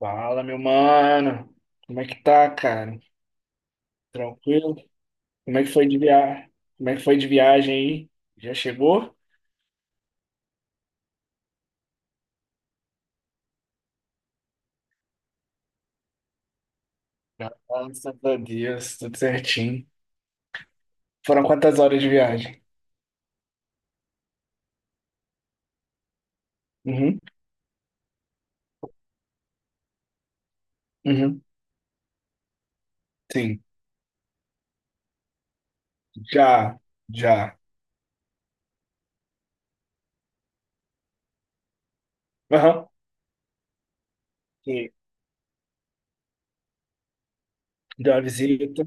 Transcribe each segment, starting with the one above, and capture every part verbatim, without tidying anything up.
Fala, meu mano. Como é que tá, cara? Tranquilo? Como é que foi de viagem? Como é que foi de viagem aí? Já chegou? Graças a Deus, tudo certinho. Foram quantas horas de viagem? Uhum, uhum. Sim, já, já. Aham, sim. Deu uma visita.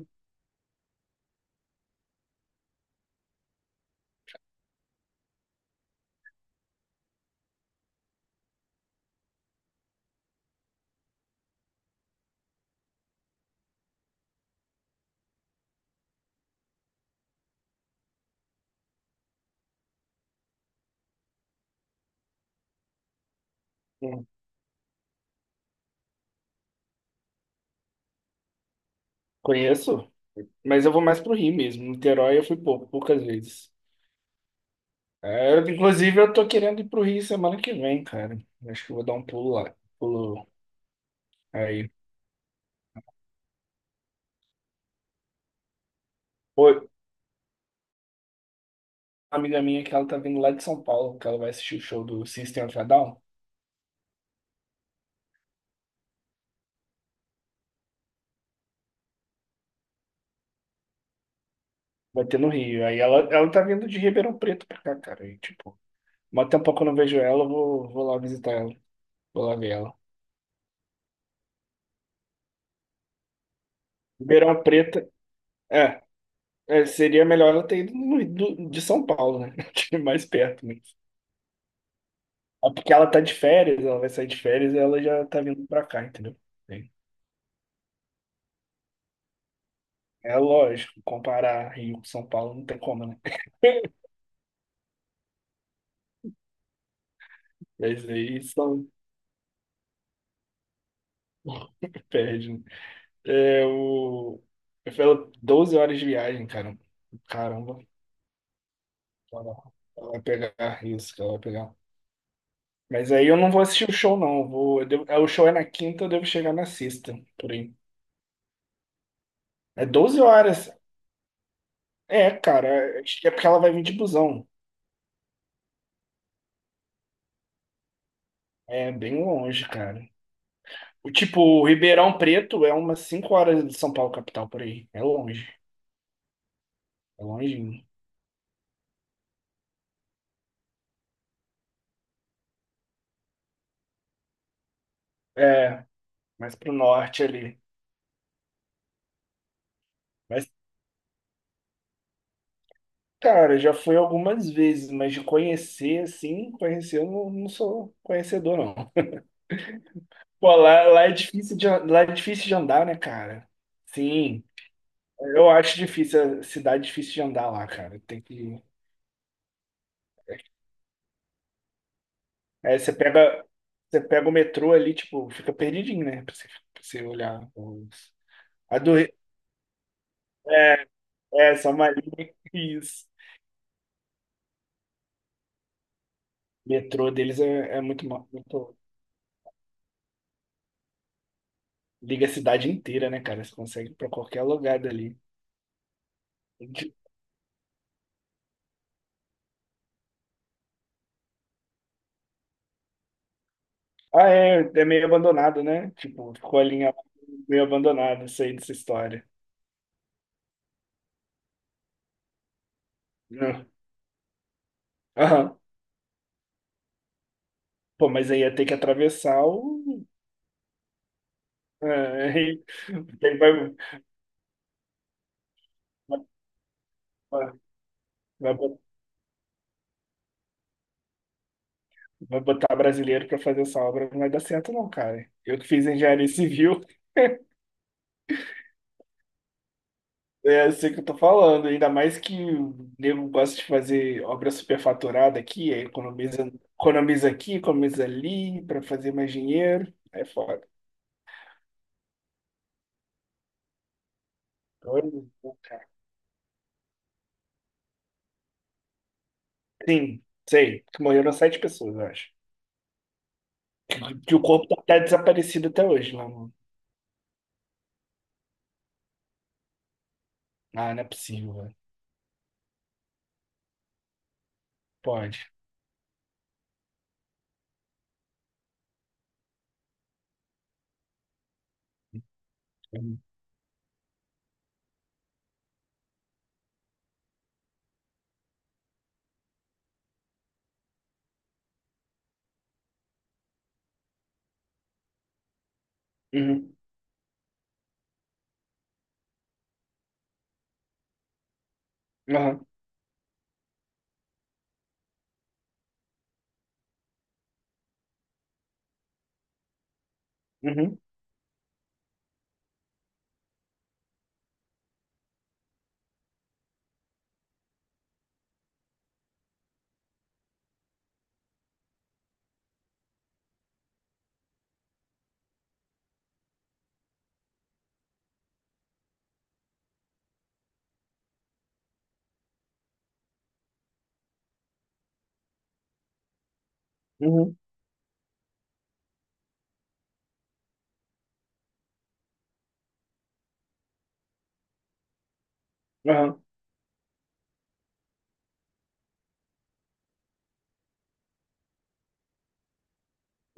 Hum, Conheço, mas eu vou mais pro Rio mesmo. Niterói eu fui pouco, poucas vezes. É, inclusive, eu tô querendo ir pro Rio semana que vem, cara. Acho que eu vou dar um pulo lá. Pulo aí. Pô, amiga minha que ela tá vindo lá de São Paulo, que ela vai assistir o show do System of a Down. Vai ter no Rio. Aí ela, ela tá vindo de Ribeirão Preto pra cá, cara. E, tipo, mó tempo que eu não vejo ela, eu vou, vou lá visitar ela. Vou lá ver ela. Ribeirão Preto, é, é, seria melhor ela ter ido no- do- de São Paulo, né? Que é mais perto, mas... É porque ela tá de férias, ela vai sair de férias e ela já tá vindo pra cá, entendeu? Sim. É lógico, comparar Rio com São Paulo não tem como, né? Mas aí só perde, né? É, o... Eu falo doze horas de viagem, cara. Caramba. Ela ela vai pegar isso, que ela vai pegar. Mas aí eu não vou assistir o show, não. Eu vou... eu devo- é, o show é na quinta, eu devo chegar na sexta, por aí. É doze horas. É, cara. Acho que é porque ela vai vir de busão. É bem longe, cara. O tipo, o Ribeirão Preto é umas cinco horas de São Paulo, capital, por aí. É longe. É longinho. É, mais pro norte ali. Mas cara, já fui algumas vezes, mas de conhecer, assim, conhecer, eu não, não sou conhecedor, não. Pô, lá, lá é difícil de, lá é difícil de andar, né, cara? Sim, eu acho difícil, a cidade é difícil de andar lá, cara. Tem que... É, você pega, você pega o metrô ali, tipo, fica perdidinho, né? Pra você, pra você olhar os... A do... É, só uma linha, isso. O metrô deles é, é muito, ma- muito... Liga a cidade inteira, né, cara? Você consegue ir pra qualquer lugar dali. Ah, é, é meio abandonado, né? Tipo, ficou a linha meio abandonada, sei dessa história. Não. Aham. Pô, mas aí ia ter que atravessar o. É, aí- aí vai, vai, vai bot- vai botar brasileiro pra fazer essa obra, não vai dar certo, não, cara. Eu que fiz engenharia civil, é, eu sei o que eu tô falando. Ainda mais que o nego gosta de fazer obra superfaturada aqui, aí economiza, economiza aqui, economiza ali pra fazer mais dinheiro. É foda. Sim, sei. Que morreram sete pessoas, eu acho. Que, que o corpo tá até desaparecido até hoje lá no. Ah, não é possível, velho. Pode. Uhum. Uhum. Aham. Uhum. Uhum. Aham.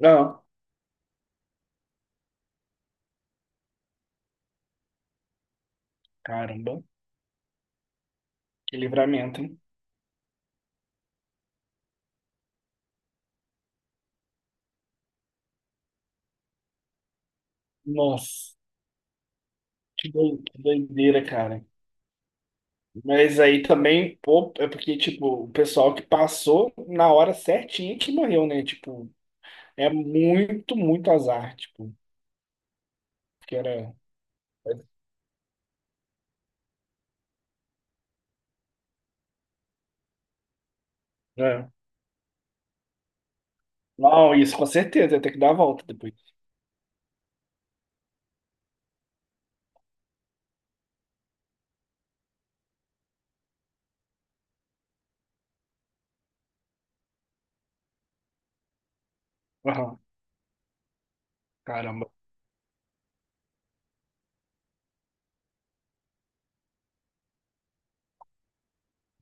Aham. Caramba. Que livramento, hein? Nossa. Que doi- que doideira, cara. Mas aí também, pô, é porque, tipo, o pessoal que passou na hora certinha que morreu, né? Tipo, é muito, muito azar, tipo, que era. É. Não, isso com certeza, ia ter que dar a volta depois. Caramba.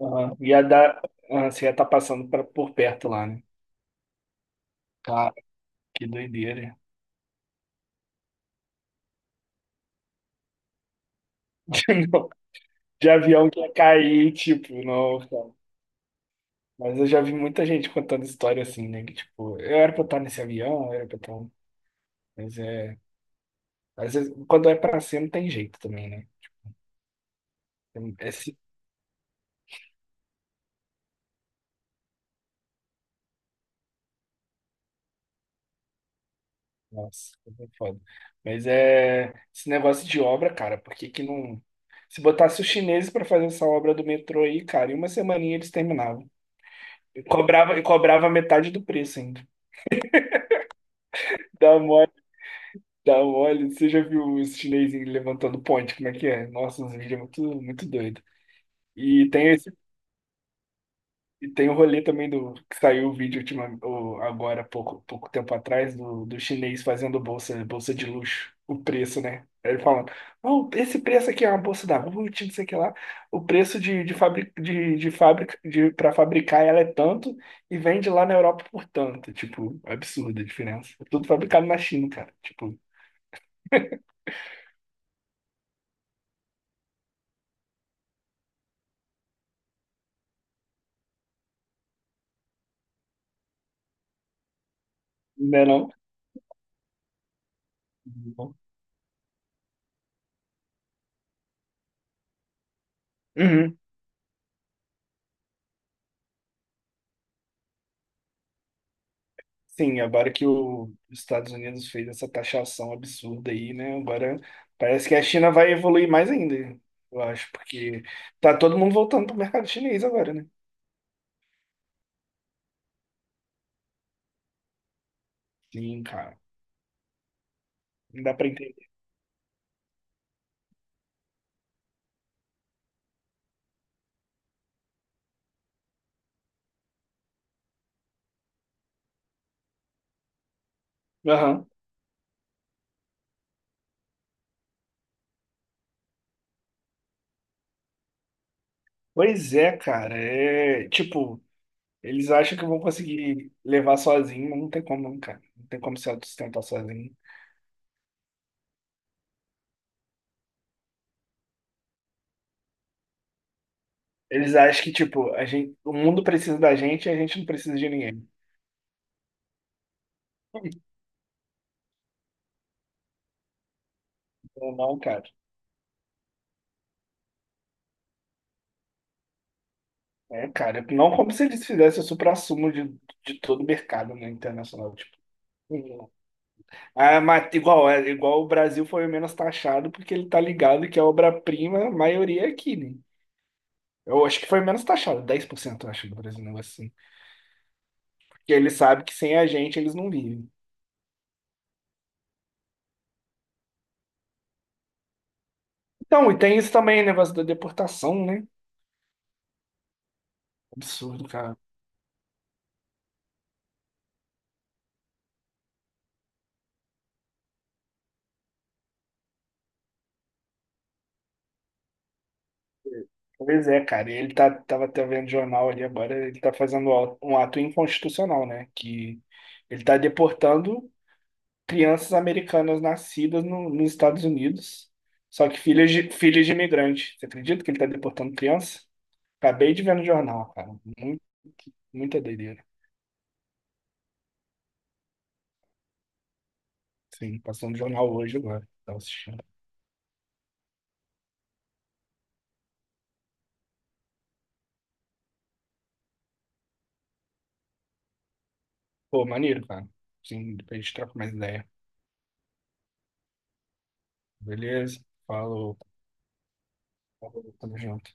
Aham. Ia dar, ah, você ia estar passando pra- por perto lá, né? Cara, que doideira. Não, de avião que ia cair, tipo, não, cara. Mas eu já vi muita gente contando história assim, né? Que, tipo, eu era pra eu estar nesse avião, eu era pra eu estar. Um, mas é. Às vezes, quando é pra ser, não tem jeito também, né? É, é se- nossa, é foda. Mas é. Esse negócio de obra, cara, por que que não. Se botasse os chineses pra fazer essa obra do metrô aí, cara, em uma semaninha eles terminavam. E cobrava, e cobrava metade do preço ainda. Dá mole, dá mole. Você já viu os chineses levantando ponte? Como é que é? Nossa, uns vídeos muito, muito doido. E tem, E tem o rolê também do que saiu o vídeo ultima, o- agora, pouco, pouco tempo atrás, do, do chinês fazendo bolsa, bolsa de luxo, o preço, né? Ele falando, não, esse preço aqui é uma bolsa da Ruth, não sei o que lá. O preço de, de, fabri, de, de fábrica de, para fabricar ela é tanto e vende lá na Europa por tanto. Tipo, absurda a diferença. É tudo fabricado na China, cara. Tipo, não é não? Uhum. Sim, agora que os Estados Unidos fez essa taxação absurda aí, né? Agora parece que a China vai evoluir mais ainda, eu acho, porque tá todo mundo voltando pro mercado chinês agora, né? Sim, cara. Não dá pra entender. Aham. Pois é, cara. É tipo, eles acham que vão conseguir levar sozinho, mas não tem como, não, cara. Não tem como se autossustentar sozinho. Eles acham que, tipo, a gente, o mundo precisa da gente e a gente não precisa de ninguém. Não, não, cara. É, cara, não como se eles fizessem o suprassumo de, de todo o mercado, né, internacional, tipo. Uhum. Ah, mas igual, é, igual o Brasil foi o menos taxado, porque ele tá ligado que a obra-prima, a maioria é aqui, né? Eu acho que foi menos taxado, dez por cento, eu acho, do Brasil, um negócio assim. Porque ele sabe que sem a gente eles não vivem. Então, e tem isso também, negócio da deportação, né? Absurdo, cara. Pois é, cara, ele tá, tava até vendo jornal ali agora, ele tá fazendo um ato inconstitucional, né? Que ele tá deportando crianças americanas nascidas no- nos Estados Unidos, só que filhas de, filhas de imigrante. Você acredita que ele está deportando criança? Acabei de ver no jornal, cara. Muito, muita doideira. Sim, passou no jornal hoje agora. Tava assistindo. Pô, maneiro, cara. Sim, depois a gente troca mais ideia. Beleza? Falou. Falou, tamo junto.